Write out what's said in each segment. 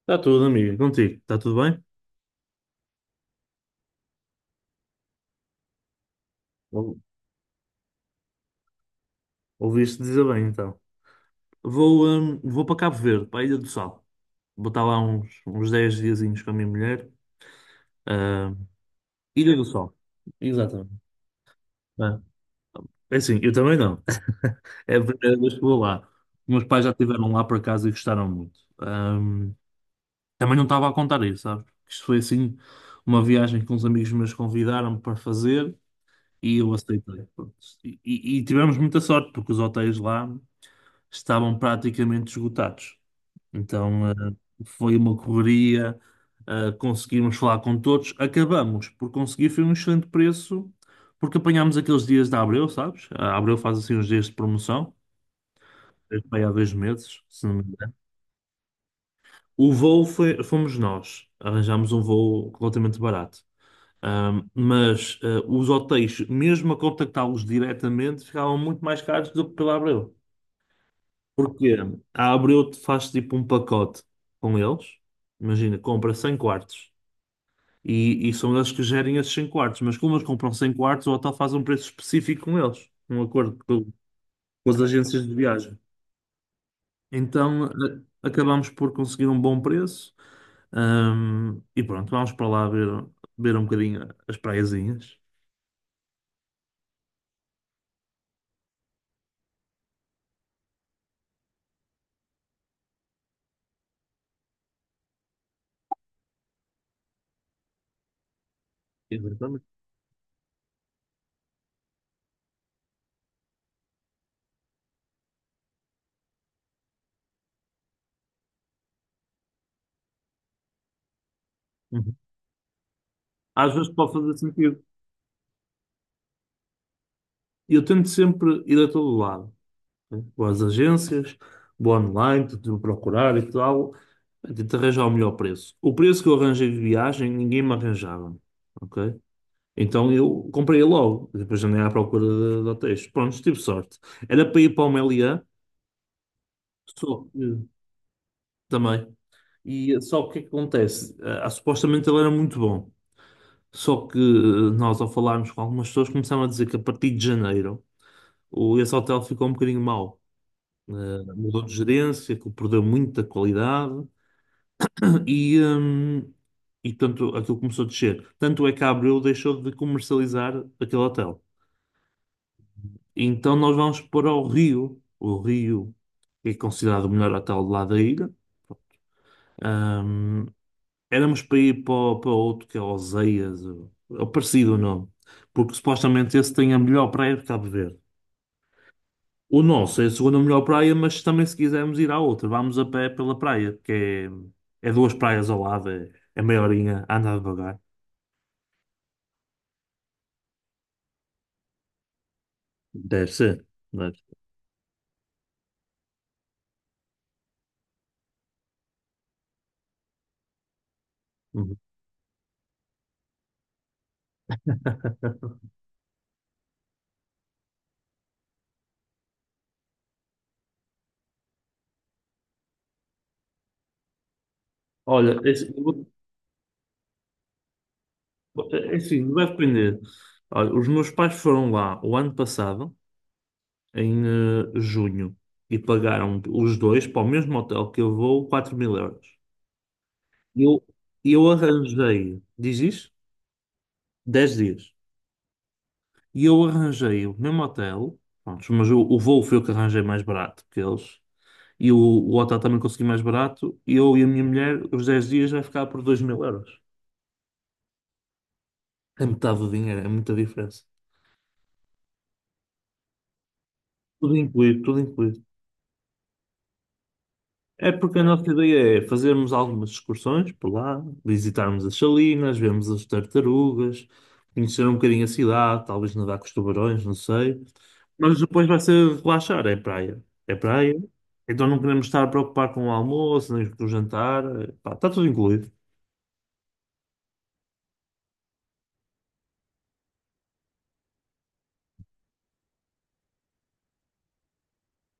Está tudo, amigo. Contigo. Está tudo bem? Ou- Ouviste dizer bem, então. Vou para Cabo Verde, para a Ilha do Sol. Vou estar lá uns 10 diazinhos com a minha mulher. Ah. Ilha do Sol. Exatamente. Ah, é assim, eu também não. É a primeira vez que vou lá. Meus pais já estiveram lá por acaso e gostaram muito. Também não estava a contar isso, sabes? Isto foi assim, uma viagem que uns amigos meus convidaram para fazer e eu aceitei. Pronto. E tivemos muita sorte, porque os hotéis lá estavam praticamente esgotados. Então, foi uma correria, conseguimos falar com todos. Acabamos por conseguir, foi um excelente preço, porque apanhámos aqueles dias da Abreu, sabes? A Abreu faz assim uns dias de promoção, foi há 2 meses, se não me engano. O voo foi, fomos nós, arranjámos um voo relativamente barato. Mas os hotéis, mesmo a contactá-los diretamente, ficavam muito mais caros do que pela Abreu. Porque a Abreu te faz tipo um pacote com eles. Imagina, compra 100 quartos. E são eles que gerem esses 100 quartos. Mas como eles compram 100 quartos, o hotel faz um preço específico com eles. Um acordo com as agências de viagem. Então, acabamos por conseguir um bom preço. E pronto, vamos para lá ver um bocadinho as praiazinhas. Exatamente. Uhum. Às vezes pode fazer sentido. Eu tento sempre ir a todo lado, né? Boas agências, boa online, tudo procurar e tal, tento arranjar o melhor preço. O preço que eu arranjei de viagem, ninguém me arranjava, ok? Então eu comprei logo, depois andei à procura de hotéis. Pronto, tive sorte. Era para ir para o Meliá, só que, também. E só que o que é que acontece? Ah, supostamente ele era muito bom. Só que nós, ao falarmos com algumas pessoas, começaram a dizer que a partir de janeiro esse hotel ficou um bocadinho mau. Mudou de gerência, que perdeu muita qualidade. E, hum, e tanto aquilo começou a descer. Tanto é que a Abril deixou de comercializar aquele hotel. Então nós vamos para o Rio. O Rio é considerado o melhor hotel lá da ilha. Hum, Éramos para ir para outro que é Oseias, é parecido o nome, porque supostamente esse tem a melhor praia de Cabo Verde. O nosso é a segunda melhor praia, mas também se quisermos ir à outra, vamos a pé pela praia, que é duas praias ao lado, é meia horinha a andar devagar. Deve ser. Uhum. Olha, é assim, é assim, vai depender. Olha, os meus pais foram lá o ano passado, em junho, e pagaram os dois para o mesmo hotel que eu vou 4 mil euros. Eu, eu arranjei, diz isso? 10 dias. E eu arranjei o mesmo hotel, pronto, mas o voo foi o que arranjei mais barato que eles. E o hotel também consegui mais barato. E eu e a minha mulher, os 10 dias vai ficar por 2 mil euros. É metade do dinheiro, é muita diferença. Tudo incluído, tudo incluído. É porque a nossa ideia é fazermos algumas excursões por lá, visitarmos as salinas, vermos as tartarugas, conhecer um bocadinho a cidade, talvez nadar com os tubarões, não sei. Mas depois vai ser relaxar, é praia. É praia. Então não queremos estar a preocupar com o almoço, nem com o jantar. Pá, está tudo incluído.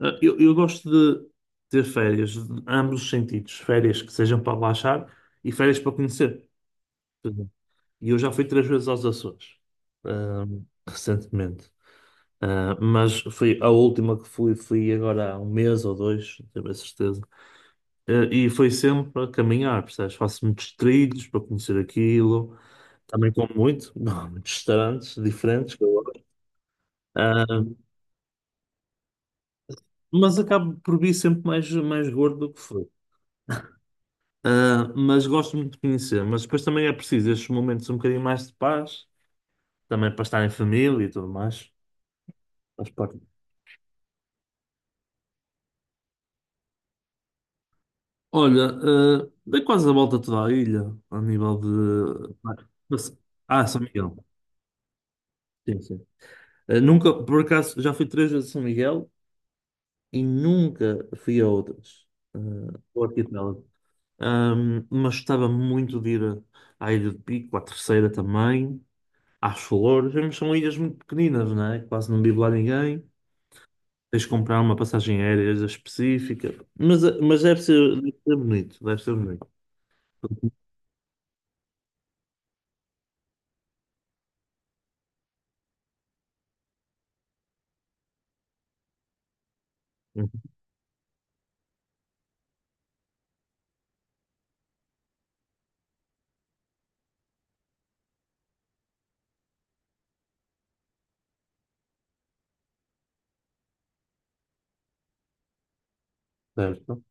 Ah, eu gosto de ter férias, de ambos os sentidos. Férias que sejam para relaxar e férias para conhecer. E eu já fui três vezes aos Açores, ahm, recentemente. Ah, mas foi a última que fui agora há um mês ou dois, não tenho bem certeza. Ah, e foi sempre a caminhar, percebes? Faço muitos trilhos para conhecer aquilo. Também como muito, não, muitos restaurantes diferentes que eu gosto. Ah, mas acabo por vir sempre mais gordo do que fui. Ah, mas gosto muito de conhecer. Mas depois também é preciso estes momentos um bocadinho mais de paz, também para estar em família e tudo mais. Faz parte. Olha, dei quase a volta toda a ilha, a nível de. Ah, São Miguel. Sim, sim. Nunca, por acaso, já fui três vezes a São Miguel e nunca fui a outras. eh, Ao arquipélago. Mas gostava muito de ir, à Ilha de Pico, à Terceira também, às Flores. Mas são ilhas muito pequeninas, não é? Quase não vive lá ninguém. Tens de comprar uma passagem aérea específica. Mas deve ser bonito, deve ser bonito. Certo.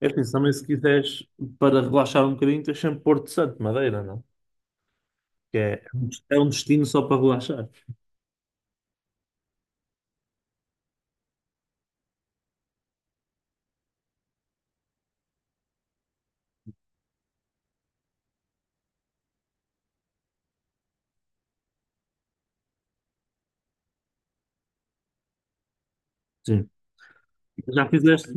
É assim, se também se quiseres, para relaxar um bocadinho, tens sempre Porto Santo, Madeira, não? Que é um destino só para relaxar. Sim. Já fizeste,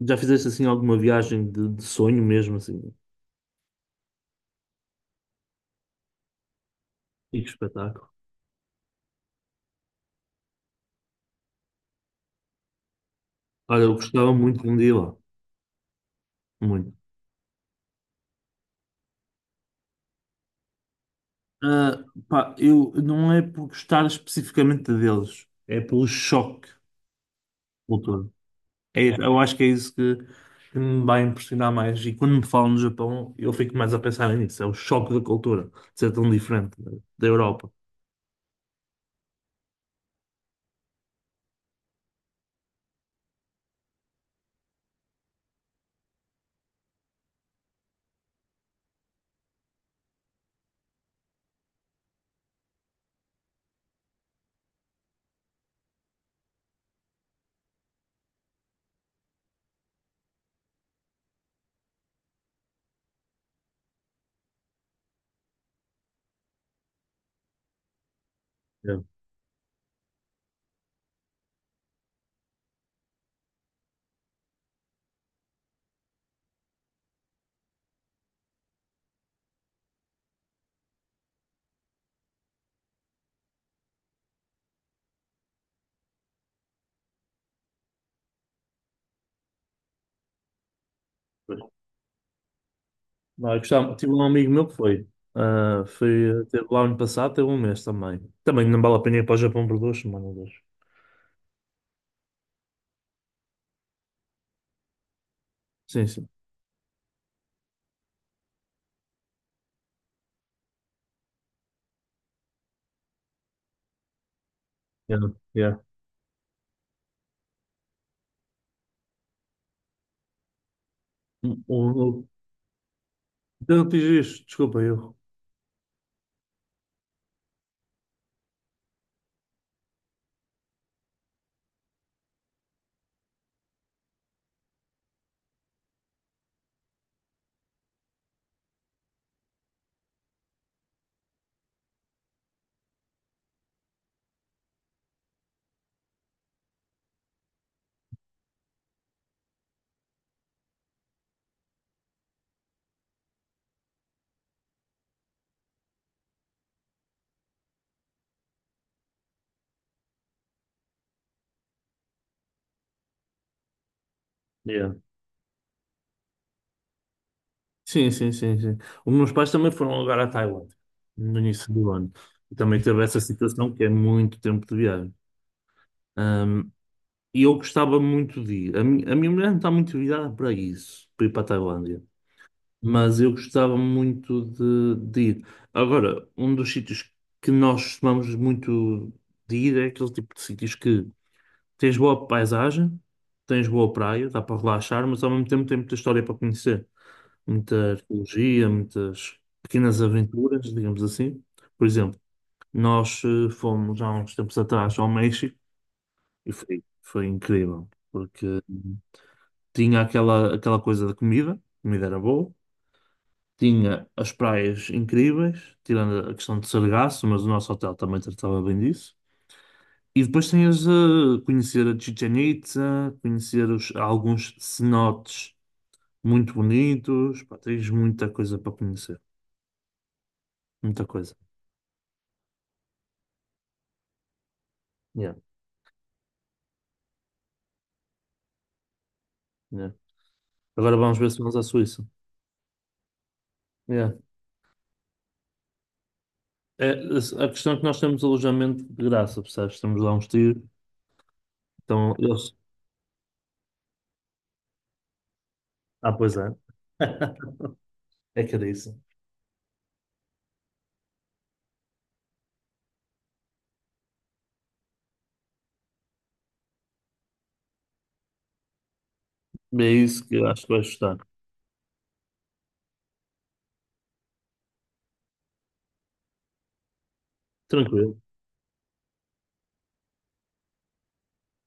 já fizeste assim alguma viagem de sonho mesmo, assim? E que espetáculo. Olha, eu gostava muito de um dia lá. Muito. Ah, pá, eu não é por gostar especificamente deles, é pelo choque cultural. É isso, eu acho que é isso que me vai impressionar mais. E quando me falam no Japão, eu fico mais a pensar nisso. É o choque da cultura, de ser tão diferente da Europa. É. Pois. Não, eu gostava, tive um amigo meu que foi. Foi teve lá ano passado, teve um mês também. Também não vale a pena ir para o Japão por 2 semanas, acho. Sim, sim. Yeah, yeah. O, o, eu não fiz isto, desculpa, eu. Yeah. Sim, sim, sim, sim. Os meus pais também foram agora à Tailândia, no início do ano. E também teve essa situação que é muito tempo de viagem. Ahm, e eu gostava muito de ir. A minha mulher não está muito virada para isso, para ir para a Tailândia. Mas eu gostava muito de ir. Agora, um dos sítios que nós costumamos muito de ir é aquele tipo de sítios que tens boa paisagem, tens boa praia, dá para relaxar, mas ao mesmo tempo tem muita história para conhecer. Muita arqueologia, muitas pequenas aventuras, digamos assim. Por exemplo, nós fomos há uns tempos atrás ao México. E foi incrível, porque tinha aquela coisa da comida, a comida era boa, tinha as praias incríveis, tirando a questão de Sargasso, mas o nosso hotel também tratava bem disso. E depois tinhas a conhecer a Chichen Itza, conhecer alguns cenotes muito bonitos, pá, tens muita coisa para conhecer, muita coisa. Yeah, yeah. Agora vamos ver se vamos à Suíça. Yeah. É, a questão é que nós temos alojamento de graça, percebes? Temos lá uns tiros. Então, eles. Ah, pois é. É que era isso. É isso que eu acho que vais gostar. Tranquilo.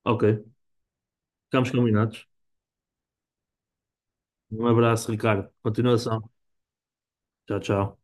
Ok. Ficamos combinados. Um abraço, Ricardo. Continuação. Tchau, tchau.